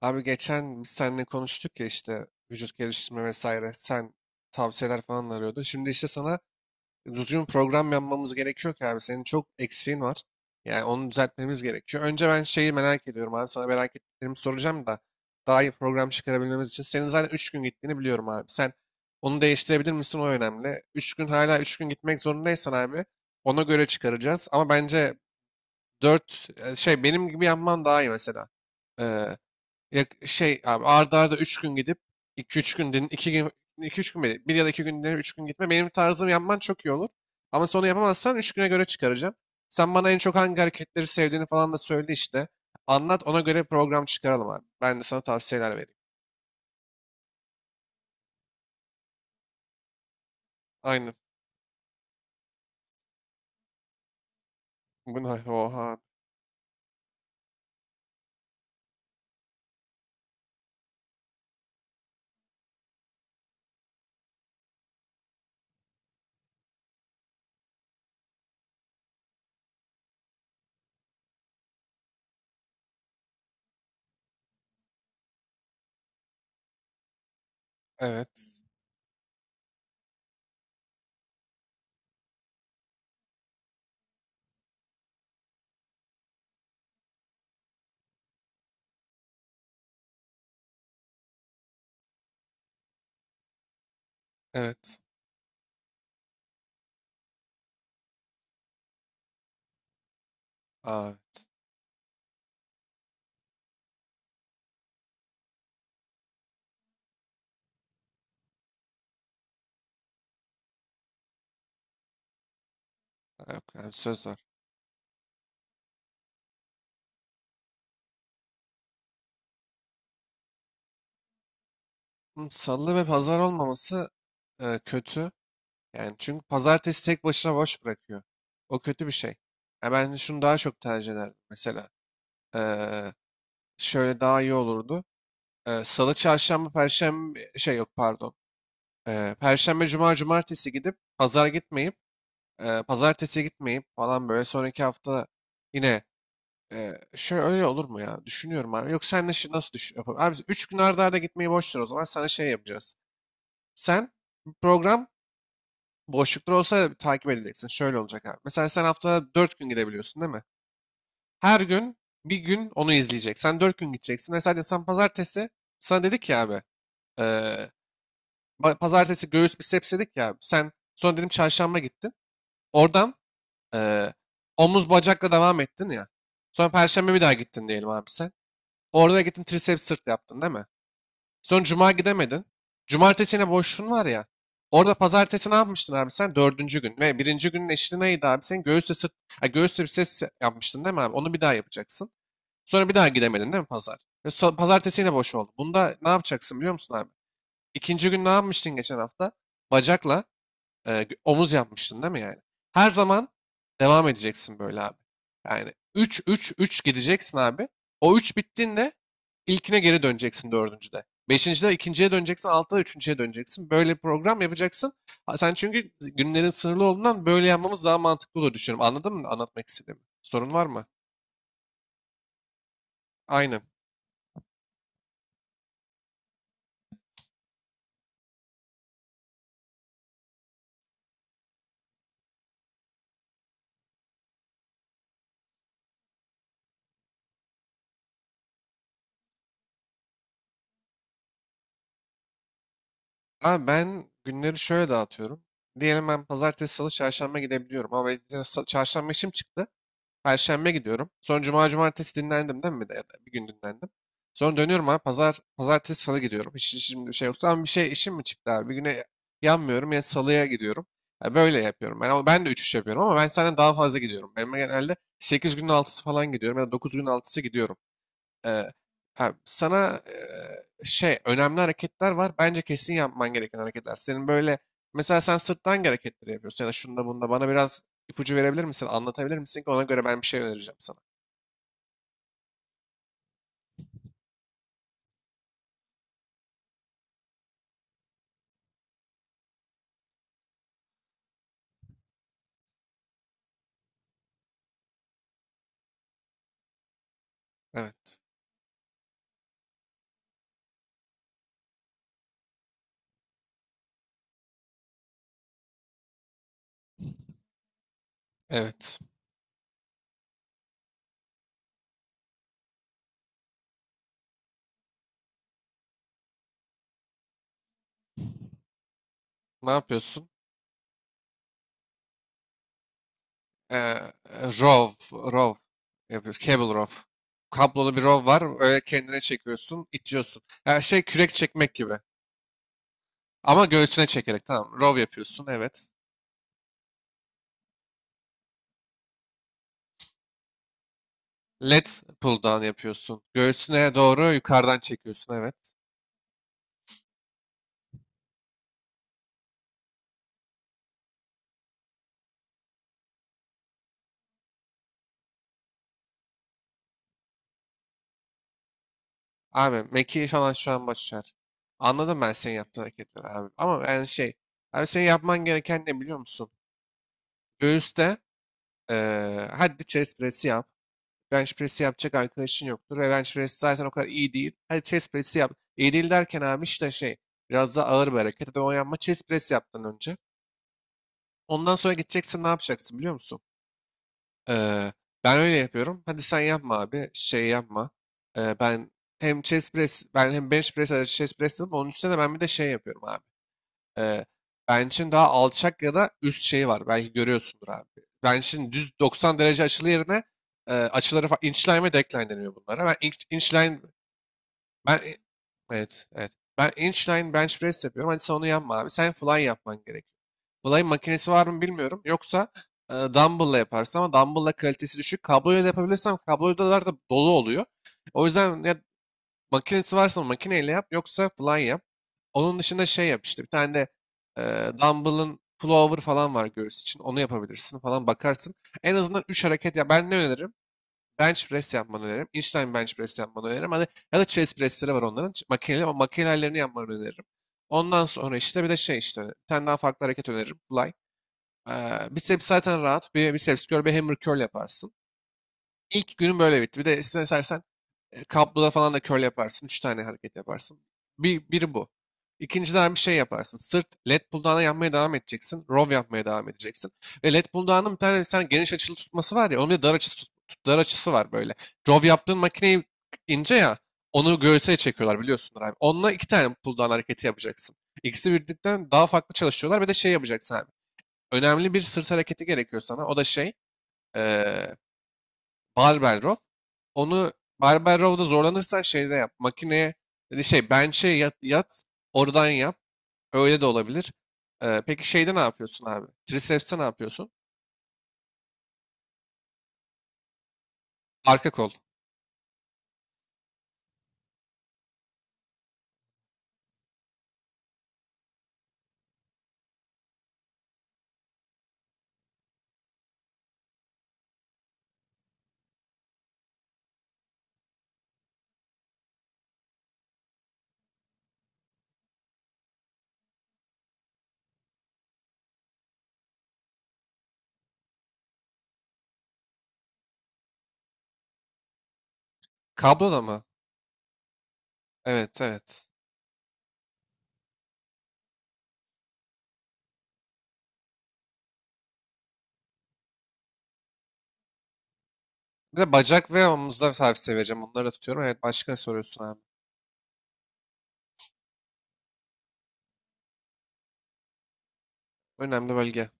Abi geçen biz seninle konuştuk ya işte vücut geliştirme vesaire. Sen tavsiyeler falan arıyordun. Şimdi işte sana düzgün program yapmamız gerekiyor ki abi. Senin çok eksiğin var. Yani onu düzeltmemiz gerekiyor. Önce ben şeyi merak ediyorum abi. Sana merak ettiklerimi soracağım da daha iyi program çıkarabilmemiz için. Senin zaten 3 gün gittiğini biliyorum abi. Sen onu değiştirebilir misin, o önemli. 3 gün, hala 3 gün gitmek zorundaysan abi, ona göre çıkaracağız. Ama bence dört, şey benim gibi yapman daha iyi mesela. Yak şey abi, art arda 3 gün gidip iki üç gün din, 2 gün iki üç gün mi? 1 ya da 2 günde 3 gün gitme. Benim tarzım yapman çok iyi olur. Ama sonra yapamazsan 3 güne göre çıkaracağım. Sen bana en çok hangi hareketleri sevdiğini falan da söyle işte. Anlat, ona göre program çıkaralım abi. Ben de sana tavsiyeler vereyim. Aynen. Buna oha. Evet. Evet. Aa, yok yani söz var. Hı, salı ve pazar olmaması kötü. Yani çünkü pazartesi tek başına boş bırakıyor. O kötü bir şey. Ya ben şunu daha çok tercih ederdim mesela. Ee, Şöyle daha iyi olurdu. Salı, çarşamba, perşembe, şey yok pardon. Perşembe, cuma, cumartesi gidip pazar gitmeyip pazartesi gitmeyip falan, böyle sonraki hafta yine şöyle, öyle olur mu ya? Düşünüyorum abi. Yok, sen de şi- nasıl düşün? Yapalım? Abi 3 gün arda arda gitmeyi boş ver, o zaman sana şey yapacağız. Sen bir program, boşluklar olsa takip edeceksin. Şöyle olacak abi. Mesela sen haftada 4 gün gidebiliyorsun değil mi? Her gün bir gün onu izleyecek. Sen 4 gün gideceksin. Mesela sen pazartesi, sana dedik ya abi. eee, Pa- pazartesi göğüs biceps dedik ya abi. Sen sonra dedim çarşamba gittin. Oradan eee, omuz bacakla devam ettin ya. Sonra perşembe bir daha gittin diyelim abi sen. Orada gittin triceps sırt yaptın değil mi? Son cuma gidemedin. Cumartesine boşluğun var ya. Orada pazartesi ne yapmıştın abi sen? Dördüncü gün. Ve birinci günün eşliği neydi abi? Sen göğüsle sırt, ha, göğüsle biceps yapmıştın değil mi abi? Onu bir daha yapacaksın. Sonra bir daha gidemedin değil mi pazar? Ve so- pazartesi yine boş oldu. Bunda ne yapacaksın biliyor musun abi? İkinci gün ne yapmıştın geçen hafta? Bacakla gö- omuz yapmıştın değil mi yani? Her zaman devam edeceksin böyle abi. Yani 3 3 3 gideceksin abi. O 3 bittiğinde ilkine geri döneceksin dördüncüde. Beşincide ikinciye döneceksin, altıda üçüncüye döneceksin. Böyle bir program yapacaksın. Ha, sen çünkü günlerin sınırlı olduğundan böyle yapmamız daha mantıklı olur düşünüyorum. Anladın mı anlatmak istediğimi? Sorun var mı? Aynen. Abi ben günleri şöyle dağıtıyorum. Diyelim ben pazartesi, salı, çarşamba gidebiliyorum. Ama benim sa- çarşamba işim çıktı. Perşembe gidiyorum. Sonra cuma cumartesi dinlendim değil mi? Bir de- ya da bir gün dinlendim. Sonra dönüyorum abi. Pazar, pazartesi, salı gidiyorum. Hiç şimdi bir şey yoktu ama bir şey işim mi çıktı abi? Bir güne yanmıyorum ya, salıya gidiyorum. Ya böyle yapıyorum. Ben, ama ben de 3-3 yapıyorum ama ben senden daha fazla gidiyorum. Benim genelde 8 günün altısı falan gidiyorum ya da 9 günün altısı gidiyorum. Ee, ha, sana şey, önemli hareketler var. Bence kesin yapman gereken hareketler. Senin böyle, mesela sen sırttan hangi hareketleri yapıyorsun ya da şunda bunda bana biraz ipucu verebilir misin? Anlatabilir misin ki ona göre ben bir şey önereceğim sana. Evet, evet. Ne yapıyorsun? Ee, Rov, row yapıyoruz. Cable row. Kablolu bir rov var. Öyle kendine çekiyorsun, itiyorsun. Yani şey, kürek çekmek gibi. Ama göğsüne çekerek tamam. Rov yapıyorsun, evet. lat pull down yapıyorsun. Göğsüne doğru yukarıdan çekiyorsun, evet. Abi meki falan şu an başlar. Anladım ben senin yaptığın hareketleri abi. Ama yani şey. Abi senin yapman gereken ne biliyor musun? Göğüste hadi chest press'i yap. Bench press'i yapacak arkadaşın yoktur. Ve bench press zaten o kadar iyi değil. Hadi chest press'i yap. İyi değil derken abi işte şey, biraz daha ağır bir hareket. Hadi oynanma, chest press yaptın önce. Ondan sonra gideceksin, ne yapacaksın biliyor musun? Ee, Ben öyle yapıyorum. Hadi sen yapma abi. Şey yapma. Ben hem chest press, hem bench press, chest press yapıp onun üstüne de ben bir de şey yapıyorum abi. Ee, Bench'in daha alçak ya da üst şeyi var. Belki görüyorsundur abi. Bench'in düz 90 derece açılı yerine açıları fa- inchline ve decline deniyor bunlara. Ben inch, inchline, ben e, evet evet. Ben inchline bench press yapıyorum. Hadi sen onu yapma abi. Sen fly yapman gerekiyor. Fly makinesi var mı bilmiyorum. Yoksa dumbbell'la yaparsın ama dumbbell'la kalitesi düşük. Kabloyla da yapabilirsem kablolar da dolu oluyor. O yüzden ya, makinesi varsa makineyle yap, yoksa fly yap. Onun dışında şey yap işte, bir tane de dumbbell'ın pullover falan var göğüs için. Onu yapabilirsin falan, bakarsın. En azından üç hareket, ya ben ne öneririm? Bench press yapmanı öneririm. Incline bench press yapmanı öneririm. Hani ya da chest pressleri var onların. Ç- makineli o makinelerlerini yapmanı öneririm. Ondan sonra işte bir de şey, işte bir tane daha farklı hareket öneririm. Fly. Biceps zaten rahat. Bir biceps curl, bir hammer curl yaparsın. İlk günün böyle bitti. Bir de istersen kabloda falan da curl yaparsın. Üç tane hareket yaparsın. Bir, biri bu. İkinciden bir şey yaparsın. Sırt led pulldown'a yapmaya devam edeceksin. Row yapmaya devam edeceksin. Ve led pulldown'ın bir tane sen geniş açılı tutması var ya. Onun bir dar açısı, tut- dar açısı var böyle. Row yaptığın makineyi, ince ya. Onu göğüse çekiyorlar biliyorsunuz abi. Onunla iki tane pulldown hareketi yapacaksın. İkisi birlikten daha farklı çalışıyorlar ve de şey yapacaksın abi. Önemli bir sırt hareketi gerekiyor sana. O da şey, eee, barbell. Onu, barbell row'da zorlanırsan şeyde yap. Makineye, yani şey, bench'e yat, yat oradan yap. Öyle de olabilir. Peki şeyde ne yapıyorsun abi? Triceps'te ne yapıyorsun? Arka kol. Kabloda mı? Evet, evet. Bir de bacak ve omuzda tavsiye vereceğim. Onları da tutuyorum. Evet, başka ne soruyorsun abi? Önemli bölge.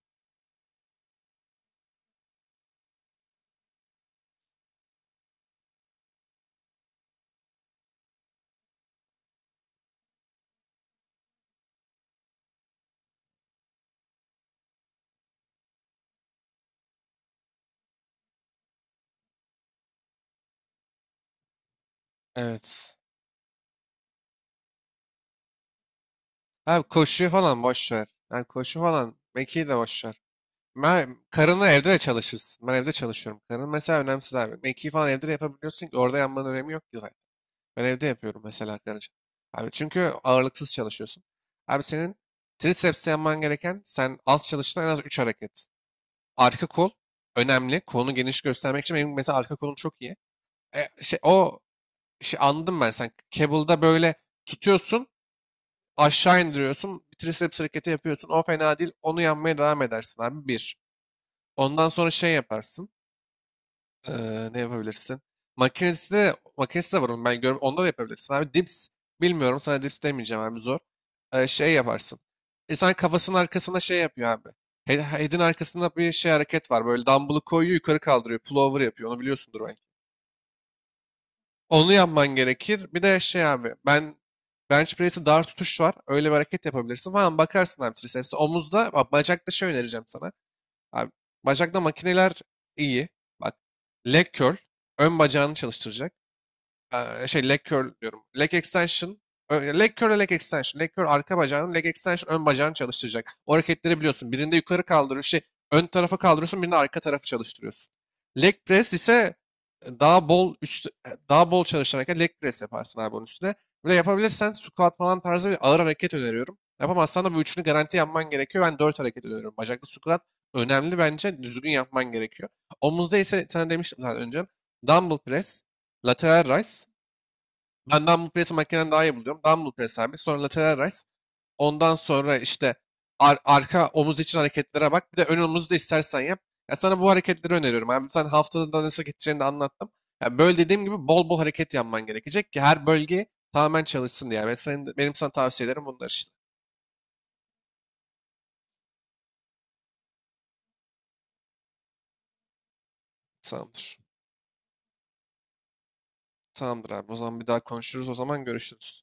Evet. Abi koşu falan boş ver. Yani koşu falan, mekiği de boş ver. Ben karınla evde de çalışırsın. Ben evde çalışıyorum. Karın mesela önemsiz abi. Mekiği falan evde de yapabiliyorsun ki orada yanmanın önemi yok ki zaten. Ben evde yapıyorum mesela karın. Abi çünkü ağırlıksız çalışıyorsun. Abi senin triceps'te yapman gereken, sen az çalıştığın, en az 3 hareket. Arka kol önemli. Kolunu geniş göstermek için benim mesela arka kolum çok iyi. E, şey, o şey anladım ben sen. Cable'da böyle tutuyorsun, aşağı indiriyorsun. Bir triceps hareketi yapıyorsun. O fena değil. Onu yanmaya devam edersin abi. Bir. Ondan sonra şey yaparsın. Ne yapabilirsin? Makinesi de var onun, ben görüyorum. Onları yapabilirsin abi. Dips, bilmiyorum, sana dips demeyeceğim abi, zor. Şey yaparsın. İnsan kafasının arkasına şey yapıyor abi. He- head'in arkasında bir şey, hareket var. Böyle dumbbell'ı koyuyor, yukarı kaldırıyor. Pullover yapıyor. Onu biliyorsundur belki. Onu yapman gerekir. Bir de şey abi. Ben bench press'i dar tutuş var. Öyle bir hareket yapabilirsin falan. Bakarsın abi triceps'e. Omuzda bak, bacakta şey önereceğim sana. Abi, bacakta makineler iyi. Bak, leg curl ön bacağını çalıştıracak. Şey, leg curl diyorum. Leg extension. Ö- leg curl ve leg extension. Leg curl arka bacağını, leg extension ön bacağını çalıştıracak. O hareketleri biliyorsun. Birinde yukarı kaldırıyorsun, şey, ön tarafa kaldırıyorsun, birinde arka tarafı çalıştırıyorsun. Leg press ise e, daha bol üç, e, daha bol çalışan leg press yaparsın abi onun üstüne. Böyle yapabilirsen squat falan tarzı bir ağır hareket öneriyorum. Yapamazsan da bu üçünü garanti yapman gerekiyor. Ben dört hareket öneriyorum. Bacaklı squat önemli bence. Düzgün yapman gerekiyor. Omuzda ise sana demiştim zaten önce. Dumbbell press, lateral raise, ben dumbbell press'i makineden daha iyi buluyorum. Dumbbell press abi. Sonra lateral raise. Ondan sonra işte ar- arka omuz için hareketlere bak. Bir de ön omuzu da istersen yap. Ya sana bu hareketleri öneriyorum. Abi sen haftada da nasıl gideceğini de anlattım. Ya böyle dediğim gibi bol bol hareket yapman gerekecek ki her bölge tamamen çalışsın diye. Ve senin, benim sana tavsiyelerim bunlar işte. Tamamdır. Tamamdır abi. O zaman bir daha konuşuruz. O zaman görüşürüz.